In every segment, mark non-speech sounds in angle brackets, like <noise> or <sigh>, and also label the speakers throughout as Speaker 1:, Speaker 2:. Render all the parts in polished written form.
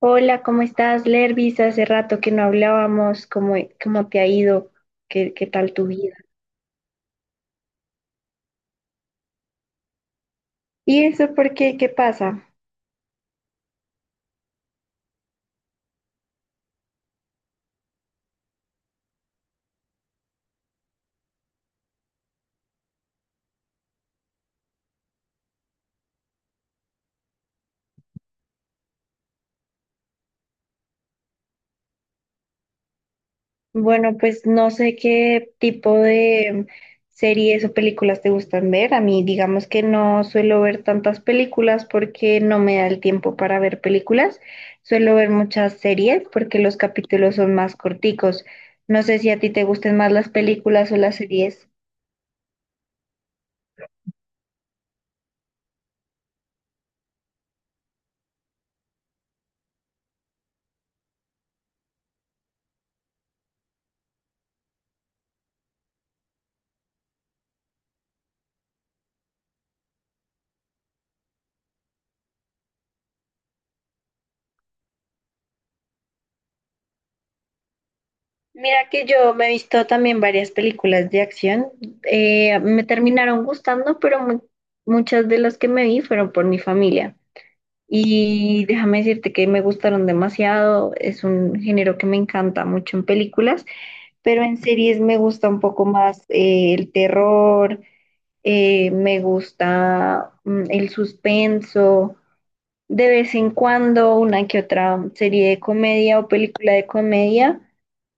Speaker 1: Hola, ¿cómo estás, Lervis? Hace rato que no hablábamos, ¿cómo te ha ido? ¿Qué tal tu vida? ¿Y eso por qué? ¿Qué pasa? Bueno, pues no sé qué tipo de series o películas te gustan ver. A mí, digamos que no suelo ver tantas películas porque no me da el tiempo para ver películas. Suelo ver muchas series porque los capítulos son más corticos. No sé si a ti te gusten más las películas o las series. Mira que yo me he visto también varias películas de acción. Me terminaron gustando, pero muchas de las que me vi fueron por mi familia. Y déjame decirte que me gustaron demasiado. Es un género que me encanta mucho en películas, pero en series me gusta un poco más el terror, me gusta el suspenso. De vez en cuando una que otra serie de comedia o película de comedia,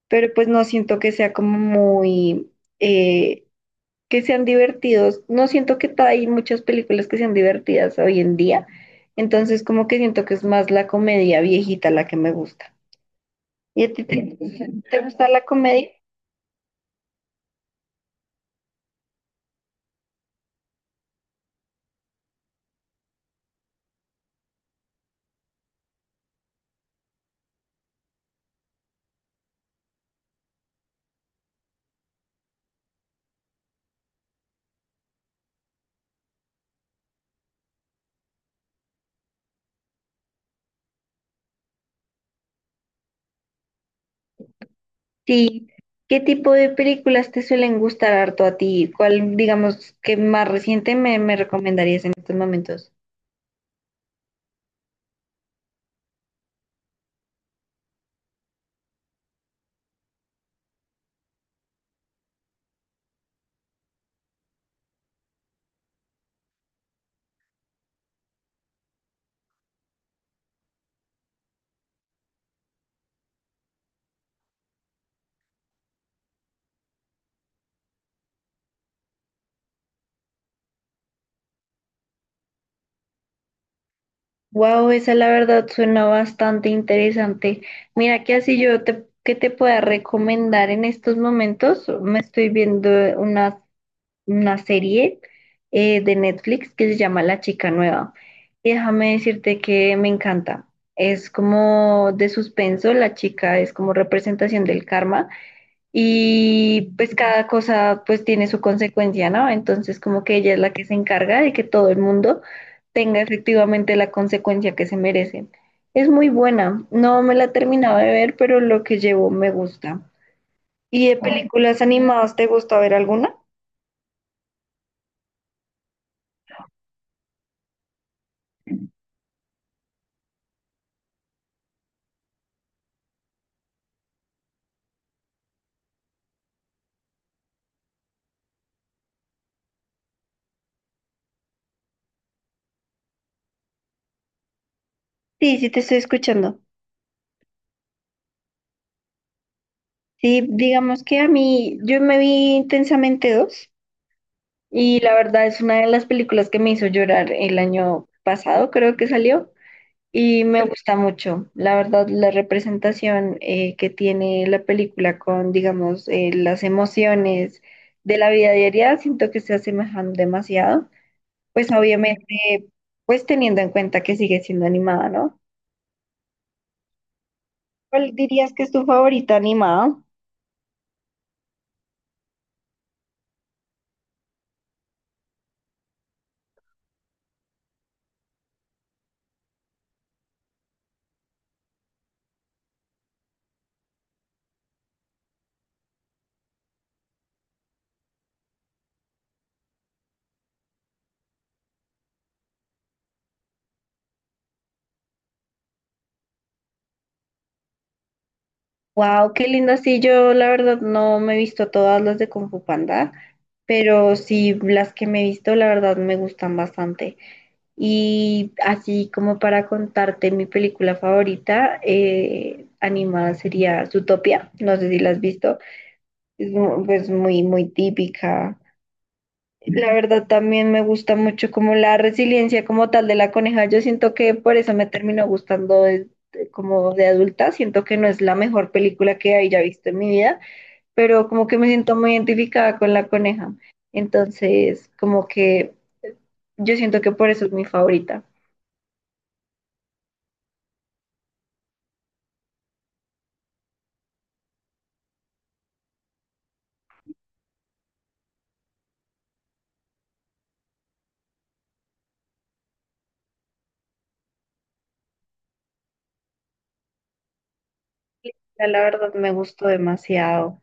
Speaker 1: pero pues no siento que sea como muy, eh, que sean divertidos. No siento que hay muchas películas que sean divertidas hoy en día, entonces como que siento que es más la comedia viejita la que me gusta. ¿Y a ti te gusta la comedia? Sí. ¿Qué tipo de películas te suelen gustar harto a ti? ¿Cuál, digamos, que más reciente me recomendarías en estos momentos? Wow, esa la verdad suena bastante interesante. Mira que así yo te, que te pueda recomendar en estos momentos, me estoy viendo una, una serie de Netflix que se llama La Chica Nueva. Y déjame decirte que me encanta. Es como de suspenso, la chica es como representación del karma y pues cada cosa pues tiene su consecuencia, ¿no? Entonces como que ella es la que se encarga de que todo el mundo tenga efectivamente la consecuencia que se merecen. Es muy buena, no me la terminaba de ver, pero lo que llevo me gusta. ¿Y de películas animadas te gusta ver alguna? Sí, sí te estoy escuchando. Sí, digamos que a mí, yo me vi Intensamente dos y la verdad es una de las películas que me hizo llorar el año pasado, creo que salió. Y me gusta mucho, la verdad, la representación que tiene la película con, digamos, las emociones de la vida diaria, siento que se asemejan demasiado. Pues obviamente, pues teniendo en cuenta que sigue siendo animada, ¿no? ¿Cuál dirías que es tu favorita animada? Wow, qué linda. Sí, yo la verdad no me he visto todas las de Kung Fu Panda, pero sí las que me he visto, la verdad me gustan bastante. Y así como para contarte mi película favorita, animada sería Zootopia, no sé si la has visto, pues muy, muy típica. La verdad también me gusta mucho como la resiliencia como tal de la coneja, yo siento que por eso me terminó gustando como de adulta, siento que no es la mejor película que haya visto en mi vida, pero como que me siento muy identificada con la coneja, entonces como que yo siento que por eso es mi favorita. La verdad me gustó demasiado.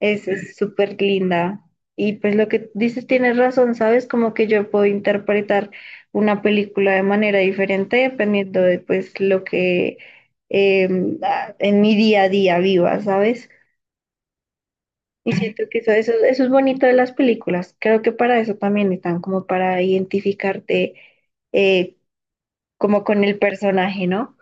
Speaker 1: Es súper linda. Y pues lo que dices tienes razón, ¿sabes? Como que yo puedo interpretar una película de manera diferente dependiendo de pues lo que eh, en mi día a día viva, ¿sabes? Y siento que eso es bonito de las películas. Creo que para eso también están, como para identificarte, eh, como con el personaje, ¿no?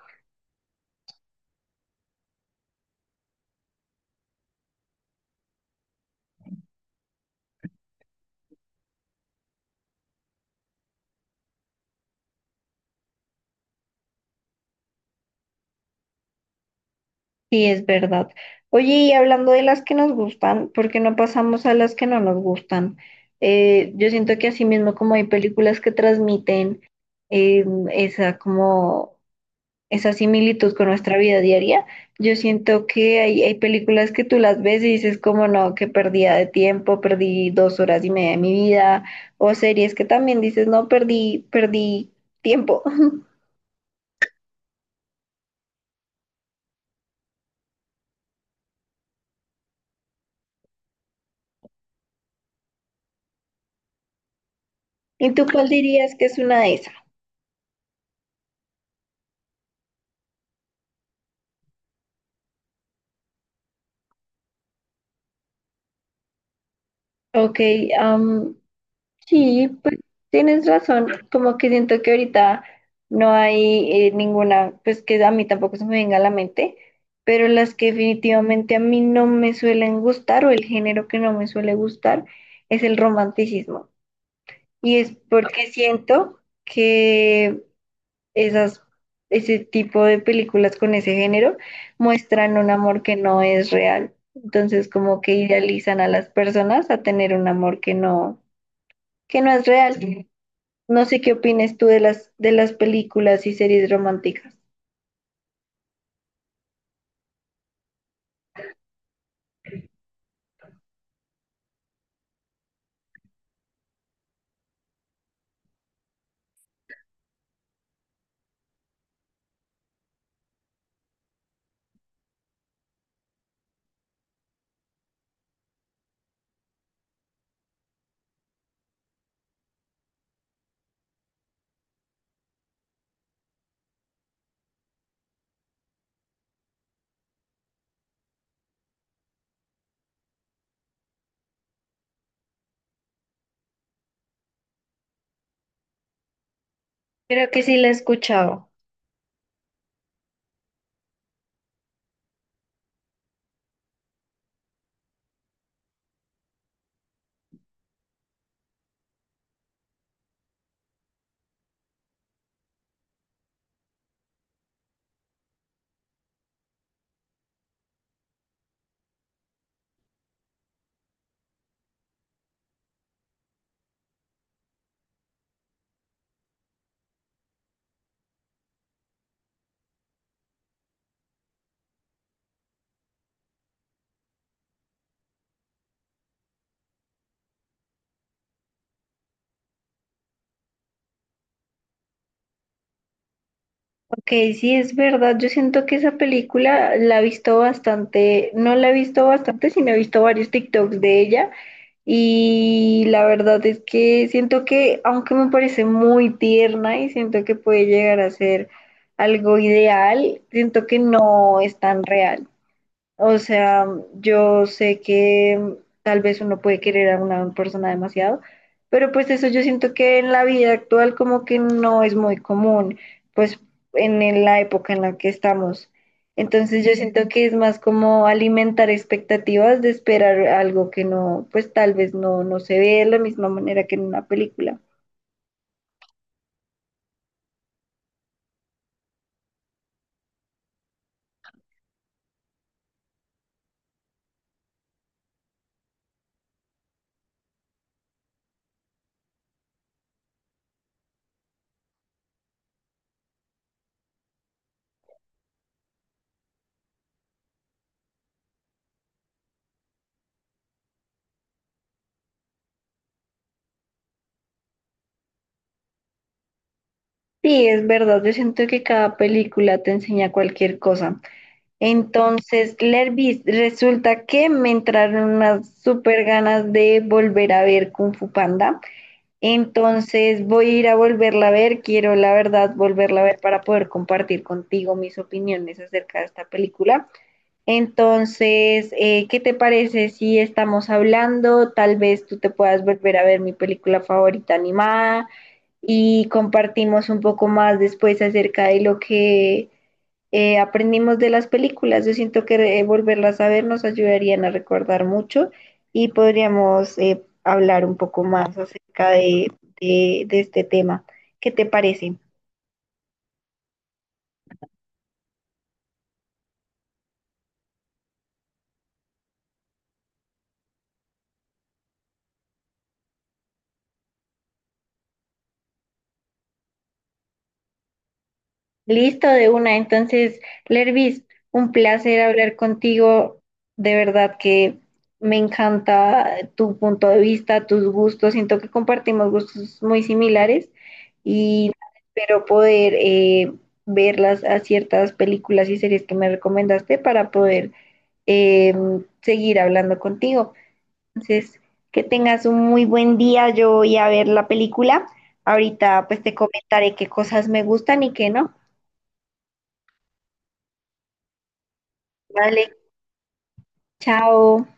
Speaker 1: Sí, es verdad. Oye, y hablando de las que nos gustan, ¿por qué no pasamos a las que no nos gustan? Yo siento que así mismo como hay películas que transmiten eh, esa como esa similitud con nuestra vida diaria, yo siento que hay películas que tú las ves y dices como no, que perdida de tiempo, perdí dos horas y media de mi vida, o series que también dices no, perdí tiempo. <laughs> ¿Y tú cuál dirías que es una de esas? Ok. Sí, pues tienes razón, como que siento que ahorita no hay, ninguna, pues que a mí tampoco se me venga a la mente, pero las que definitivamente a mí no me suelen gustar o el género que no me suele gustar es el romanticismo. Y es porque siento que esas, ese tipo de películas con ese género muestran un amor que no es real. Entonces como que idealizan a las personas a tener un amor que no es real. No sé qué opines tú de las películas y series románticas. Creo que sí la he escuchado. Ok, sí es verdad. Yo siento que esa película la he visto bastante, no la he visto bastante, sino he visto varios TikToks de ella. Y la verdad es que siento que, aunque me parece muy tierna y siento que puede llegar a ser algo ideal, siento que no es tan real. O sea, yo sé que tal vez uno puede querer a una persona demasiado, pero pues eso yo siento que en la vida actual como que no es muy común, pues en la época en la que estamos. Entonces yo siento que es más como alimentar expectativas de esperar algo que no, pues tal vez no, no se ve de la misma manera que en una película. Sí, es verdad, yo siento que cada película te enseña cualquier cosa. Entonces, Lervis, resulta que me entraron unas súper ganas de volver a ver Kung Fu Panda. Entonces, voy a ir a volverla a ver. Quiero, la verdad, volverla a ver para poder compartir contigo mis opiniones acerca de esta película. Entonces, ¿qué te parece si estamos hablando? Tal vez tú te puedas volver a ver mi película favorita animada y compartimos un poco más después acerca de lo que aprendimos de las películas. Yo siento que volverlas a ver nos ayudarían a recordar mucho y podríamos hablar un poco más acerca de este tema. ¿Qué te parece? Listo de una. Entonces, Lervis, un placer hablar contigo. De verdad que me encanta tu punto de vista, tus gustos. Siento que compartimos gustos muy similares y espero poder, ver las, a ciertas películas y series que me recomendaste para poder eh, seguir hablando contigo. Entonces, que tengas un muy buen día. Yo voy a ver la película. Ahorita pues te comentaré qué cosas me gustan y qué no. Vale. Chao.